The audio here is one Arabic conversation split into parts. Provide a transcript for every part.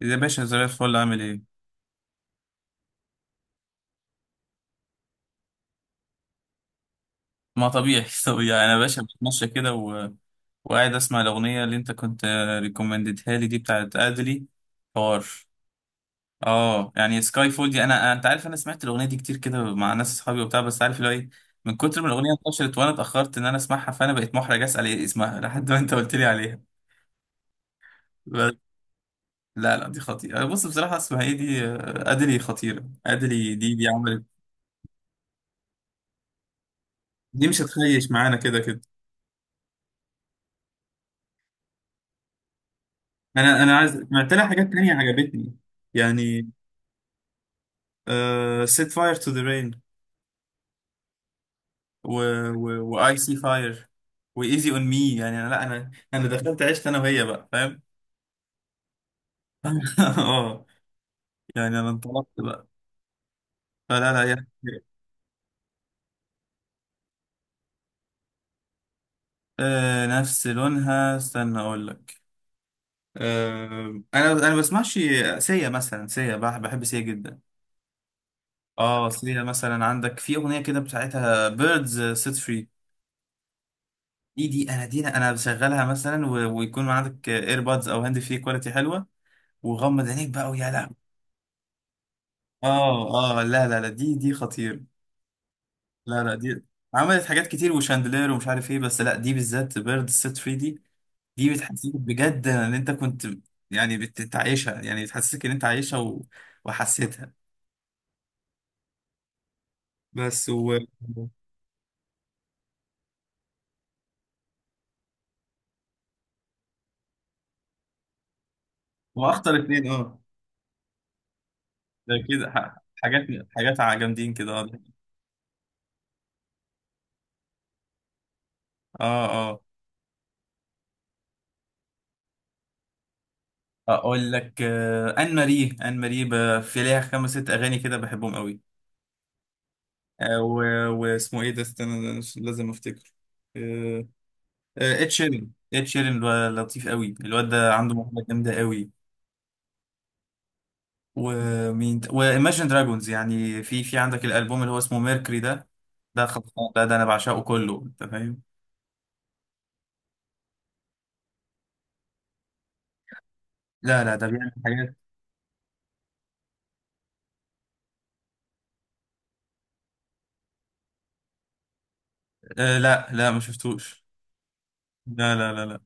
يا باشا، زي الفل، عامل ايه؟ ما طبيعي، طبيعي. انا يا باشا بتمشى كده وقاعد اسمع الاغنيه اللي انت كنت ريكومندتها لي، دي بتاعت ادلي. حوار. اه يعني سكاي فول دي، انا انت عارف انا سمعت الاغنيه دي كتير كده مع ناس اصحابي وبتاع، بس عارف اللي هو ايه؟ من كتر ما الاغنيه انتشرت وانا اتاخرت ان انا اسمعها، فانا بقيت محرج اسال ايه اسمها لحد ما انت قلت لي عليها. بس لا لا، دي خطيره. بص بصراحه، اسمها ايه دي؟ ادلي خطيره. ادلي دي عملت. دي مش هتخيش معانا كده كده. انا عايز، سمعت لها حاجات تانية عجبتني يعني. سيت فاير تو ذا رين، و واي سي فاير، وايزي اون مي. يعني انا، لا، انا دخلت عشت انا وهي بقى، فاهم؟ اه يعني انا انطلقت بقى، فلا لا يعني. آه، نفس لونها، استنى اقول لك. آه. انا بسمعش سيا مثلا. سيا بحب سيا جدا. اه، سيا مثلا، عندك في اغنيه كده بتاعتها، بيردز سيت فري. دي انا، انا بشغلها مثلا، ويكون عندك ايربادز او هاند فري كواليتي حلوه، وغمض عينيك بقى، ويا لهوي. اه. اه لا لا لا، دي خطير. لا لا، دي عملت حاجات كتير، وشاندلير ومش عارف ايه، بس لا، دي بالذات، بيرد سيت 3. دي دي بتحسسك بجد ان انت كنت، يعني بتعيشها، يعني بتحسسك ان انت عايشها وحسيتها. بس واخطر اتنين، اه. ده كده حاجات، حاجات جامدين كده، اه. اه. آه. اقول لك، ان ماري، في ليها خمس ست اغاني كده بحبهم قوي. واسمه ايه ده؟ استنى، أنا مش- لازم افتكر. آه، ed شيرين، لطيف قوي الواد ده، عنده موهبه جامده قوي. ومين وايماجن دراجونز، يعني في عندك الالبوم اللي هو اسمه ميركوري ده، ده خلصان ده، انا بعشقه كله، انت فاهم. لا لا، ده بيعمل حاجات. لا لا ما شفتوش. لا لا لا لا.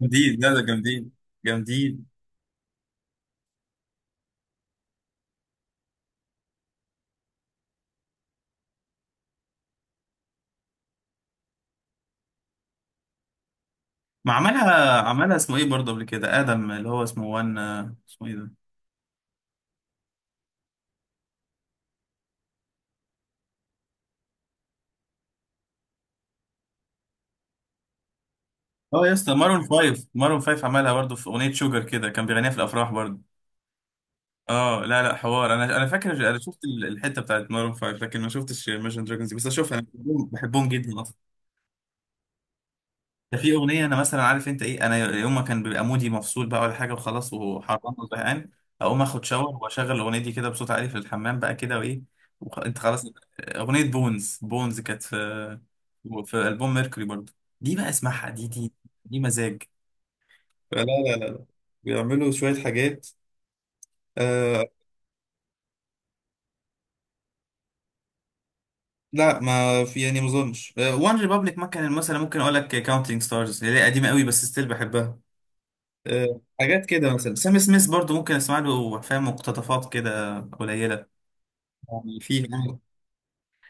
جامدين، لا ده جامدين، جامدين. ما عملها، عملها اسمه ايه برضه قبل كده، ادم، اللي هو اسمه وان، اسمه ايه ده؟ اه يا اسطى، مارون فايف، مارون فايف عملها برضه في اغنيه شوجر كده، كان بيغنيها في الافراح برضه. اه لا لا حوار، انا فاكر، انا شفت الحته بتاعت مارون فايف، لكن ما شفتش ماشن دراجونز دي، بس اشوفها، انا بحبهم، جدا. ده في اغنيه، انا مثلا عارف انت ايه، انا يوم ما كان بيبقى مودي مفصول بقى، ولا حاجه وخلاص وحران وزهقان، اقوم اخد شاور واشغل الاغنيه دي كده بصوت عالي في الحمام بقى كده، وايه، انت خلاص. اغنيه بونز بونز، كانت في في البوم ميركوري برضه. دي بقى اسمعها، دي دي مزاج. لا لا، لا لا بيعملوا شوية حاجات. آه. لا، ما في يعني، ما اظنش. وان ريبابليك ما كان مثلا، ممكن اقول لك كاونتينج ستارز، اللي هي قديمه قوي بس ستيل بحبها. حاجات كده مثلا سام سميث برضو، ممكن اسمع له، فاهم، مقتطفات كده قليله. يعني في يعني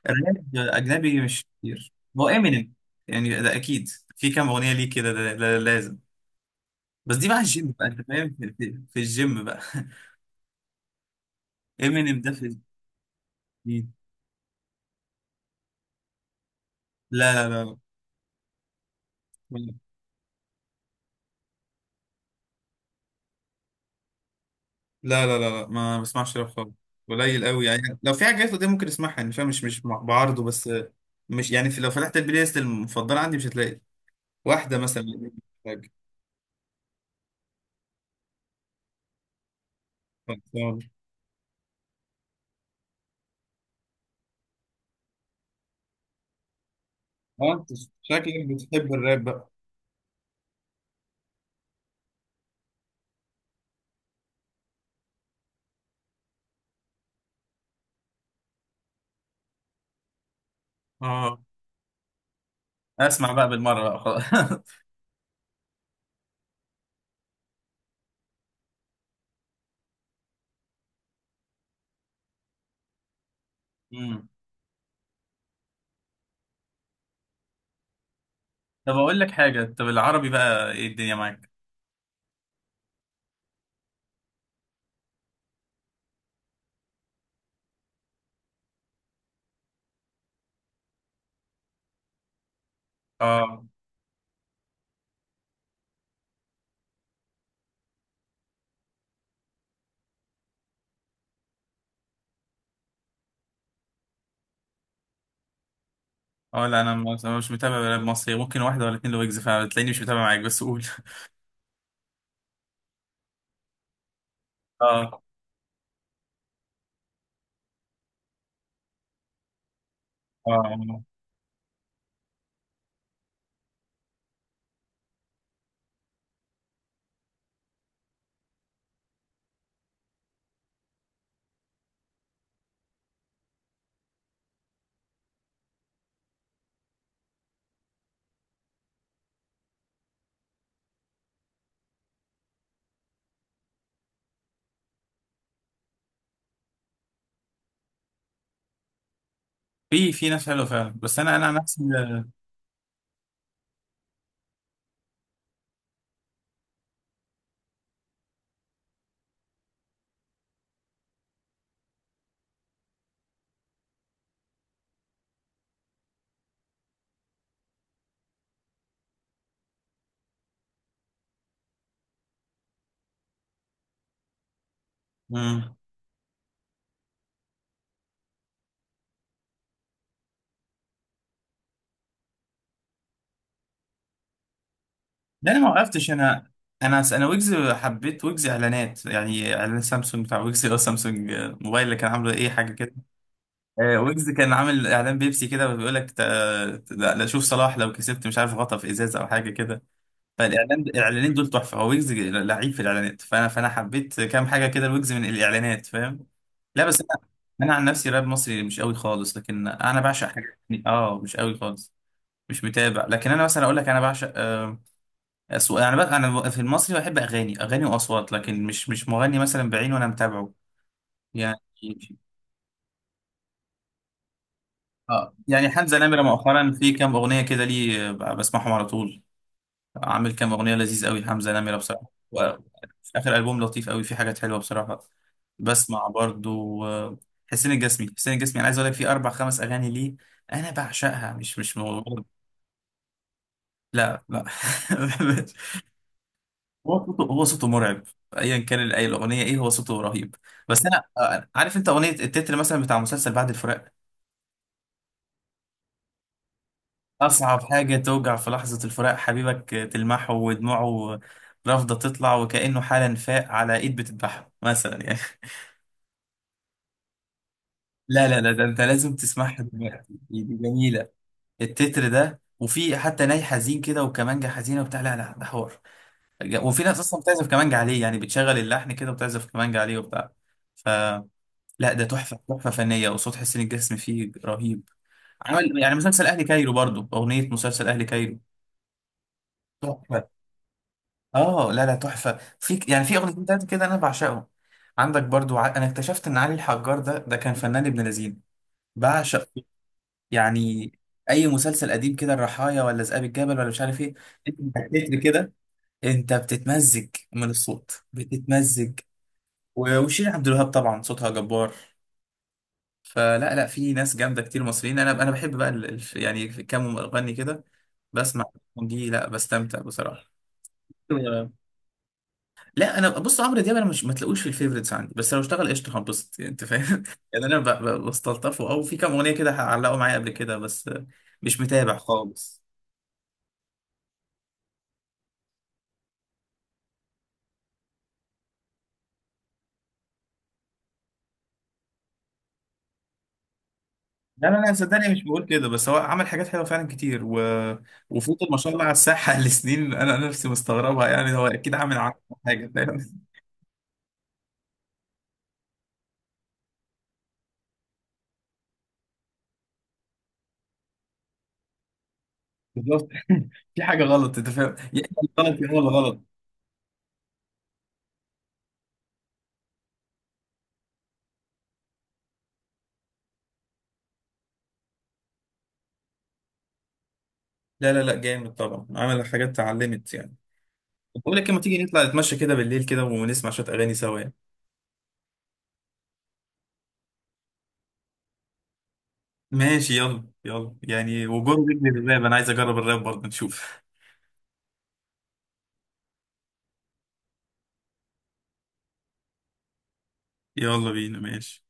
راب اجنبي، مش كتير. هو امينيم يعني ده اكيد، في كام اغنيه ليه كده، ده لازم، بس دي بقى الجيم بقى، انت فاهم، في الجيم بقى. امينيم ده في الجيم. لا لا لا لا لا لا لا، ما بسمعش راب خالص. قليل قوي يعني، لو في حاجات دي ممكن اسمعها، يعني فاهم، مش بعارضه بس، مش يعني، في لو فتحت البلاي ليست المفضله عندي، مش هتلاقي واحده مثلا. اه انت شكلك بتحب الراب بقى. اه، اسمع بقى بالمره بقى خلاص. مم. طب اقول لك حاجه، طب العربي بقى، ايه الدنيا معاك؟ اه اه. لا انا مش متابع راب مصري، ممكن واحده ولا اتنين، لويجز فعلا تلاقيني مش متابع معاك، بس قول. اه اه. في في ناس حلوه فعلا بس، انا انا نفسي. امم. لا، انا ما وقفتش، انا انا ويجز، حبيت ويجز اعلانات يعني، اعلان سامسونج بتاع ويجز، اللي هو سامسونج موبايل، اللي كان عامله، ايه حاجه كده. ويجز كان عامل اعلان بيبسي كده، بيقول لك لا شوف صلاح لو كسبت مش عارف غطا في ازازه او حاجه كده، فالاعلان، الاعلانين دول تحفه، هو ويجز لعيب في الاعلانات، فانا حبيت كام حاجه كده لويجز من الاعلانات، فاهم. لا بس انا، عن نفسي راب مصري مش قوي خالص، لكن انا بعشق حاجه يعني، اه مش قوي خالص، مش متابع، لكن انا مثلا اقول لك، انا بعشق اصوات. يعني بقى انا في المصري بحب اغاني، واصوات، لكن مش مغني مثلا بعينه وانا متابعه يعني. اه يعني حمزة نمرة مؤخرا في كام أغنية كده ليه، بسمعهم على طول. عامل كام أغنية لذيذ قوي حمزة نمرة بصراحة. وفي آخر ألبوم لطيف قوي، في حاجات حلوة بصراحة. بسمع برضو، حسين الجسمي. أنا عايز أقول لك، في أربع خمس أغاني ليه أنا بعشقها، مش مش مغرب. لا لا. هو صوته، مرعب. ايا كان اي الاغنيه، ايه، هو صوته رهيب. بس انا، عارف انت اغنيه التتر مثلا بتاع مسلسل بعد الفراق؟ أصعب حاجة توجع في لحظة الفراق، حبيبك تلمحه ودموعه رافضة تطلع، وكأنه حالا فاق على إيد بتذبحه، مثلا يعني. لا لا لا، ده أنت لازم تسمعها دلوقتي، دي جميلة، التتر ده. وفي حتى ناي حزين كده، وكمانجة حزينة وبتاع، لا لا ده حوار، وفي ناس أصلا بتعزف كمانجة عليه، يعني بتشغل اللحن كده وبتعزف كمانجة عليه وبتاع، ف لا ده تحفة، تحفة فنية، وصوت حسين الجسمي فيه رهيب. عمل يعني مسلسل أهلي كايرو برضو، أغنية مسلسل أهلي كايرو، تحفة. اه لا لا تحفه، في يعني في اغنيتين تلاته كده انا بعشقهم. عندك برضو، انا اكتشفت ان علي الحجار ده، كان فنان ابن لذين، بعشق يعني، اي مسلسل قديم كده، الرحايا ولا ذئاب الجبل ولا مش عارف ايه، انت التتر كده انت بتتمزج من الصوت، بتتمزج. وشيرين عبد الوهاب طبعا صوتها جبار، فلا لا في ناس جامده كتير مصريين. انا بحب بقى يعني كام مغني كده بسمع دي، لا بستمتع بصراحه. لا انا بص، عمرو دياب انا مش، ما تلاقوش في الفيفوريتس عندي، بس لو اشتغل قشطه هنبسط يعني انت فاهم. يعني انا بستلطفه، او في كام اغنيه كده هعلقوا معايا قبل كده بس، مش متابع خالص. لا لا لا صدقني مش بقول كده، بس هو عمل حاجات حلوه فعلا كتير، وفضل ما شاء الله على الساحه لسنين، أنا نفسي مستغربها يعني، هو اكيد عامل عنها حاجه، فاهم. بالظبط. في حاجه غلط، انت فاهم، يا اما غلط يا اما غلط. لا لا لا، جامد طبعا، عمل حاجات اتعلمت يعني. بقول لك، لما تيجي نطلع نتمشى كده بالليل كده، ونسمع شويه اغاني سوا يعني. ماشي، يلا يلا يعني، وجون رجلي الراب، انا عايز اجرب الراب برضه، نشوف. يلا بينا ماشي.